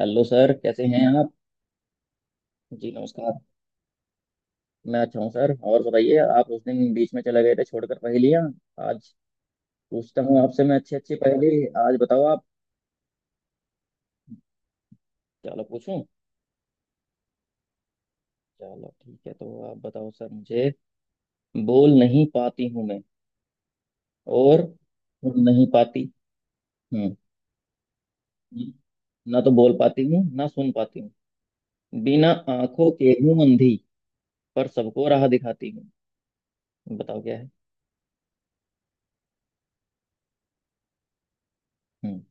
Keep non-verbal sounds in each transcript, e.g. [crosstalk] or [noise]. Hello sir, कैसे हैं आप? जी नमस्कार। मैं अच्छा हूँ सर। और बताइए, आप उस दिन बीच में चले गए थे छोड़कर पहेलियाँ। आज पूछता हूँ आपसे, मैं अच्छी अच्छी पहेली आज बताओ आप। चलो पूछूं। चलो ठीक है, तो आप बताओ सर मुझे। बोल नहीं पाती हूँ मैं, और सुन नहीं पाती हूँ। ना तो बोल पाती हूँ ना सुन पाती हूँ। बिना आंखों के हूँ अंधी, पर सबको राह दिखाती हूँ। बताओ क्या है। हम्म।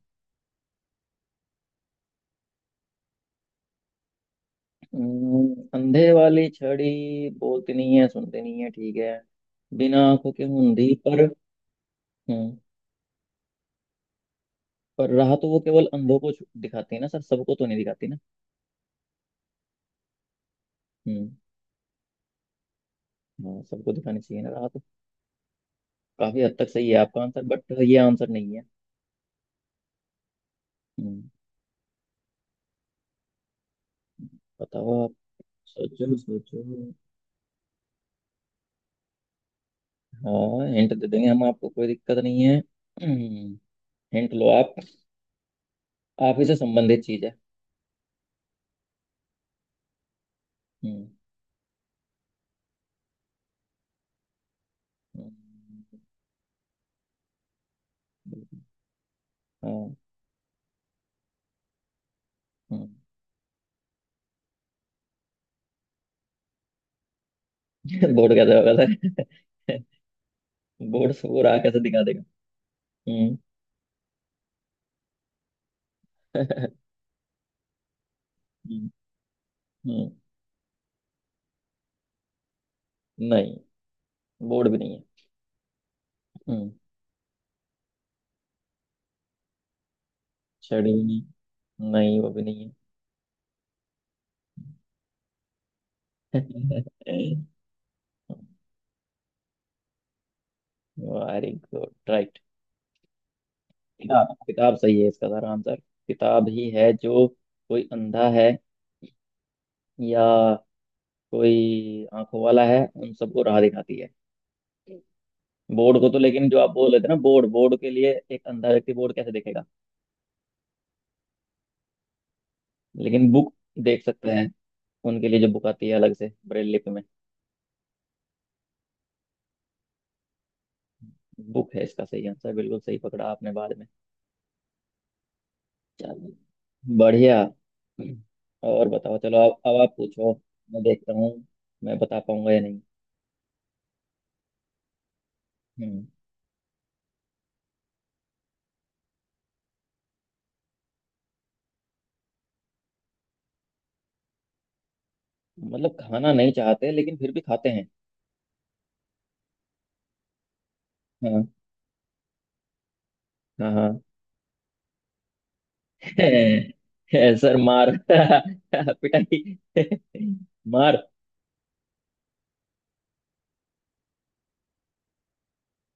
अंधे वाली छड़ी बोलती नहीं है, सुनती नहीं है, ठीक है। बिना आंखों के मुंधी पर। हम्म। पर राह तो वो केवल अंधों को दिखाती है ना सर, सबको तो नहीं दिखाती ना। हम्म। हाँ, सबको दिखानी चाहिए ना राह तो। काफी हद तक सही है आपका आंसर, बट ये आंसर नहीं है। हम्म। बताओ आप। सोचो सोचो। हाँ, हिंट दे देंगे हम आपको, कोई दिक्कत नहीं है। हम्म। हिंट लो आप। आप ही से संबंधित चीज है। हम्म। हम्म। हाँ। हम्म। बोर्ड [laughs] कैसे होगा सर? [laughs] बोर्ड से वो रहा कैसे दिखा देगा? हम्म। [laughs] हम्म। हम्म। नहीं, बोर्ड भी नहीं है। हम्म। छड़ी भी नहीं, नहीं वो भी नहीं है। [laughs] Very good right. किताब किताब सही है, इसका सारा आंसर किताब ही है, जो कोई अंधा है या कोई आंखों वाला है उन सबको राह दिखाती है। बोर्ड को तो, लेकिन जो आप बोल रहे थे ना, बोर्ड, बोर्ड के लिए एक अंधा व्यक्ति बोर्ड कैसे देखेगा? लेकिन बुक देख सकते हैं, उनके लिए जो बुक आती है अलग से ब्रेल लिपि में। बुक है इसका सही आंसर, बिल्कुल सही पकड़ा आपने बाद में। चलो, बढ़िया। और बताओ, चलो अब आप पूछो। मैं देखता हूँ मैं बता पाऊंगा या नहीं। हम्म। मतलब खाना नहीं चाहते लेकिन फिर भी खाते हैं? हाँ। हाँ हाँ। [laughs] सर मार। [laughs] पिटाई। [laughs] मार।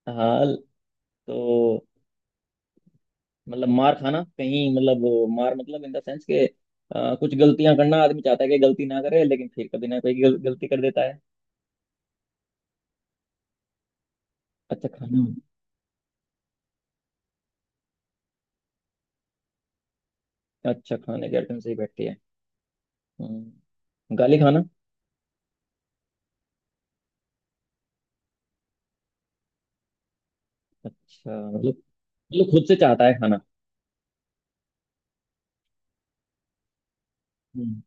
हाँ, तो मतलब मार खाना, कहीं मतलब वो मार, मतलब इन द सेंस के कुछ गलतियां करना, आदमी चाहता है कि गलती ना करे लेकिन फिर कभी ना कभी गलती कर देता है। अच्छा खाना। अच्छा, खाने के आइटम से ही बैठती है। हम्म, गाली खाना। अच्छा, मतलब, मतलब खुद से चाहता है खाना? हम्म।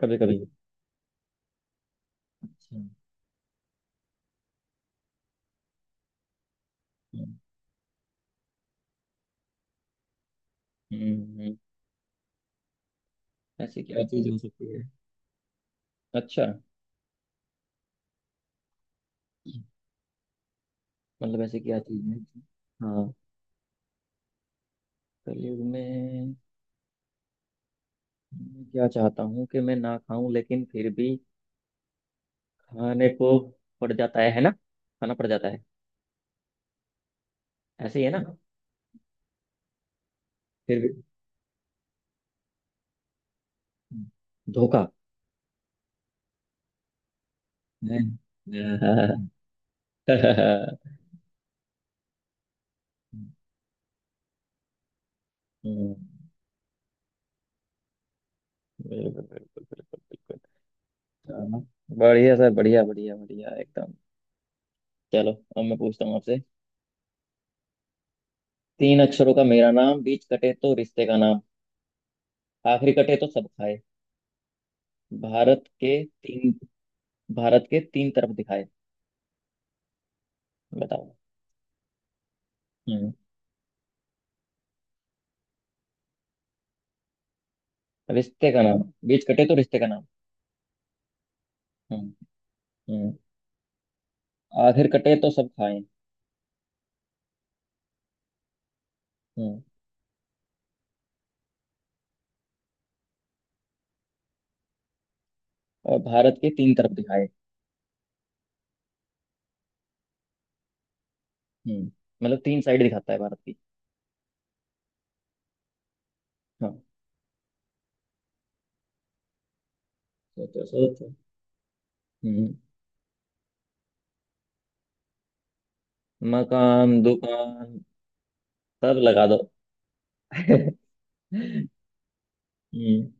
कभी कभी। अच्छा। हम्म। हम्म। हम्म। ऐसी क्या चीज हो सकती है? अच्छा, मतलब ऐसी क्या चीज है? हाँ। कलयुग में। मैं क्या चाहता हूँ कि मैं ना खाऊं, लेकिन फिर भी खाने को पड़ जाता है ना, खाना पड़ जाता है। ऐसे ही है ना? फिर भी धोखा है। [laughs] हम्म। बिल्कुल बिल्कुल। बिल्कुल बिल्कुल। हाँ, बढ़िया सर, बढ़िया बढ़िया बढ़िया एकदम। चलो अब मैं पूछता हूँ आपसे। तीन अक्षरों का मेरा नाम, बीच कटे तो रिश्ते का नाम, आखिरी कटे तो सब खाए, भारत के तीन, भारत के तीन तरफ दिखाए। बताओ। हम्म। रिश्ते का नाम, बीच कटे तो रिश्ते का नाम। हम्म। हम्म। आखिर कटे तो सब खाए। हम्म। और भारत के तीन तरफ दिखाए। हम्म। मतलब तीन साइड दिखाता है भारत की। हाँ। सोचो सोचो। हम्म। मकान दुकान सब लगा दो। [laughs] हम्म।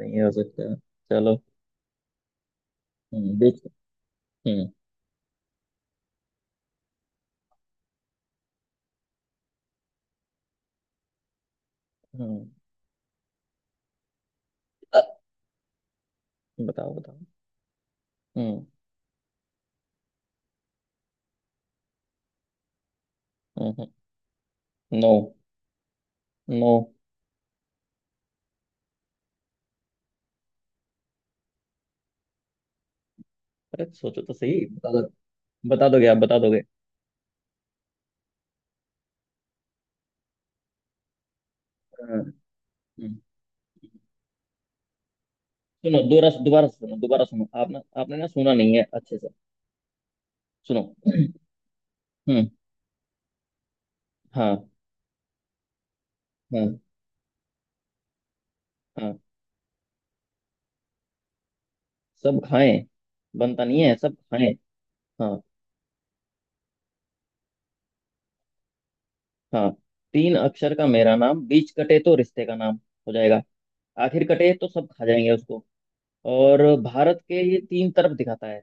नहीं हो सकता। चलो। देख। हम्म हम्म, अ, बताओ बताओ। हम्म। हम्म। No no. अरे सोचो तो सही, बता दो। बता दोगे? आप बता दोगे। हाँ। हम्म, सुनो। दोबारा दोबारा सुनो, दोबारा सुनो। आपने आपने ना सुना नहीं है अच्छे से। सुनो। हम्म। हाँ हाँ। हाँ, सब खाएं। बनता नहीं है, सब खाएं। हाँ हाँ। तीन अक्षर का मेरा नाम, बीच कटे तो रिश्ते का नाम हो जाएगा, आखिर कटे तो सब खा जाएंगे उसको, और भारत के ये तीन तरफ दिखाता है।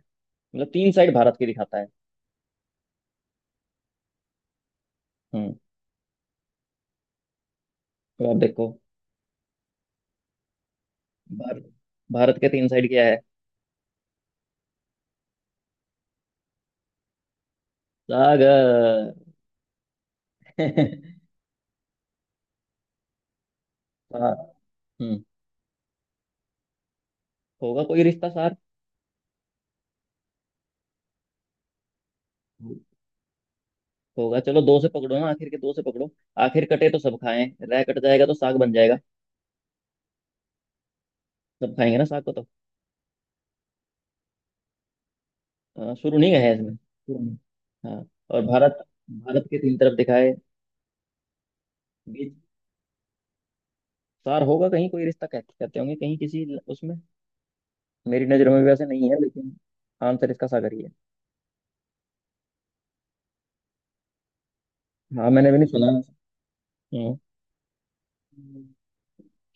मतलब तीन साइड भारत की दिखाता है। हम्म। तो आप देखो। भार, भारत के तीन साइड क्या है? सागर। [laughs] हाँ। हम्म। होगा कोई रिश्ता सार, होगा। चलो दो से पकड़ो ना, आखिर के दो से पकड़ो। आखिर कटे तो सब खाएं, रह कट जाएगा तो साग बन जाएगा। सब खाएंगे ना साग को तो। हाँ, शुरू नहीं है इसमें, शुरू नहीं। हाँ, और भारत, भारत के तीन तरफ दिखाए। बीच। सार होगा कहीं, कोई रिश्ता कहते कहते होंगे कहीं, किसी उसमें, मेरी नजरों में वैसे नहीं है लेकिन आंसर इसका सागर ही है। हाँ, मैंने भी नहीं सुना। हम्म।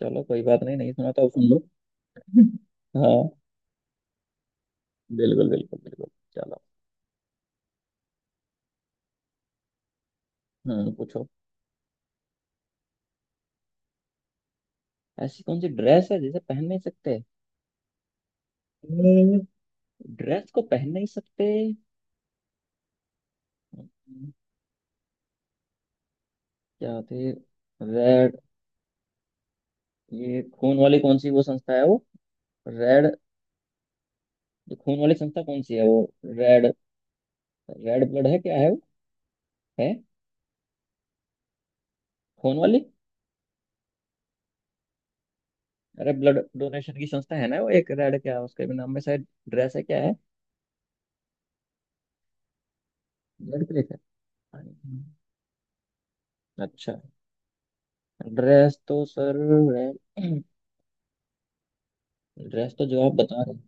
चलो कोई बात नहीं, नहीं सुना तो अब सुन लो। [laughs] हाँ बिल्कुल बिल्कुल बिल्कुल। चलो। पूछो। ऐसी कौन सी ड्रेस है जिसे पहन नहीं सकते? हम्म, ड्रेस को पहन नहीं सकते। हम्म। क्या थे? रेड, ये खून वाली कौन सी वो संस्था है वो, रेड, ये खून वाली संस्था कौन सी है वो, रेड, रेड ब्लड है क्या है वो? है, खून वाली। अरे ब्लड डोनेशन की संस्था है ना वो, एक रेड क्या, उसके भी नाम में शायद ड्रेस है क्या है, ब्लड प्लेस है। हम्म। अच्छा। ड्रेस तो सर, ड्रेस तो [clears throat] जो आप बता रहे हैं।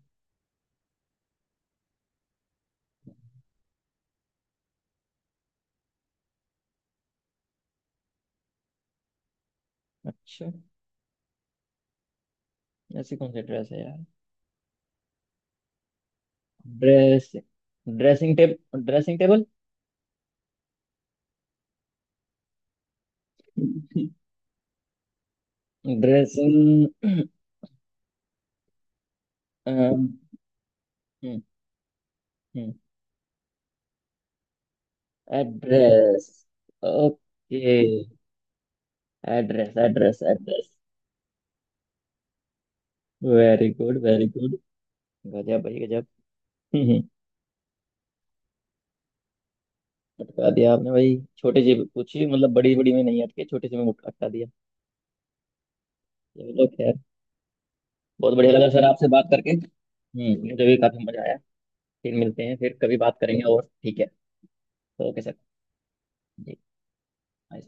अच्छा। ऐसी कौन सी ड्रेस है यार? ड्रेस, ड्रेसिंग टेब, dressing table. Dressing. Address. Okay. Address address address. Very good very good. गजब [clears throat] भाई गजब। [laughs] हम्म। अटका दिया आपने भाई, छोटे जी पूछी, मतलब बड़ी बड़ी में नहीं अटके, छोटे से में अटका दिया। चलो खैर। बहुत बढ़िया लगा सर आपसे बात करके। हम्म। मुझे भी काफी मजा आया। फिर मिलते हैं, फिर कभी बात करेंगे, और ठीक है तो ओके सर। जी। bye, sir.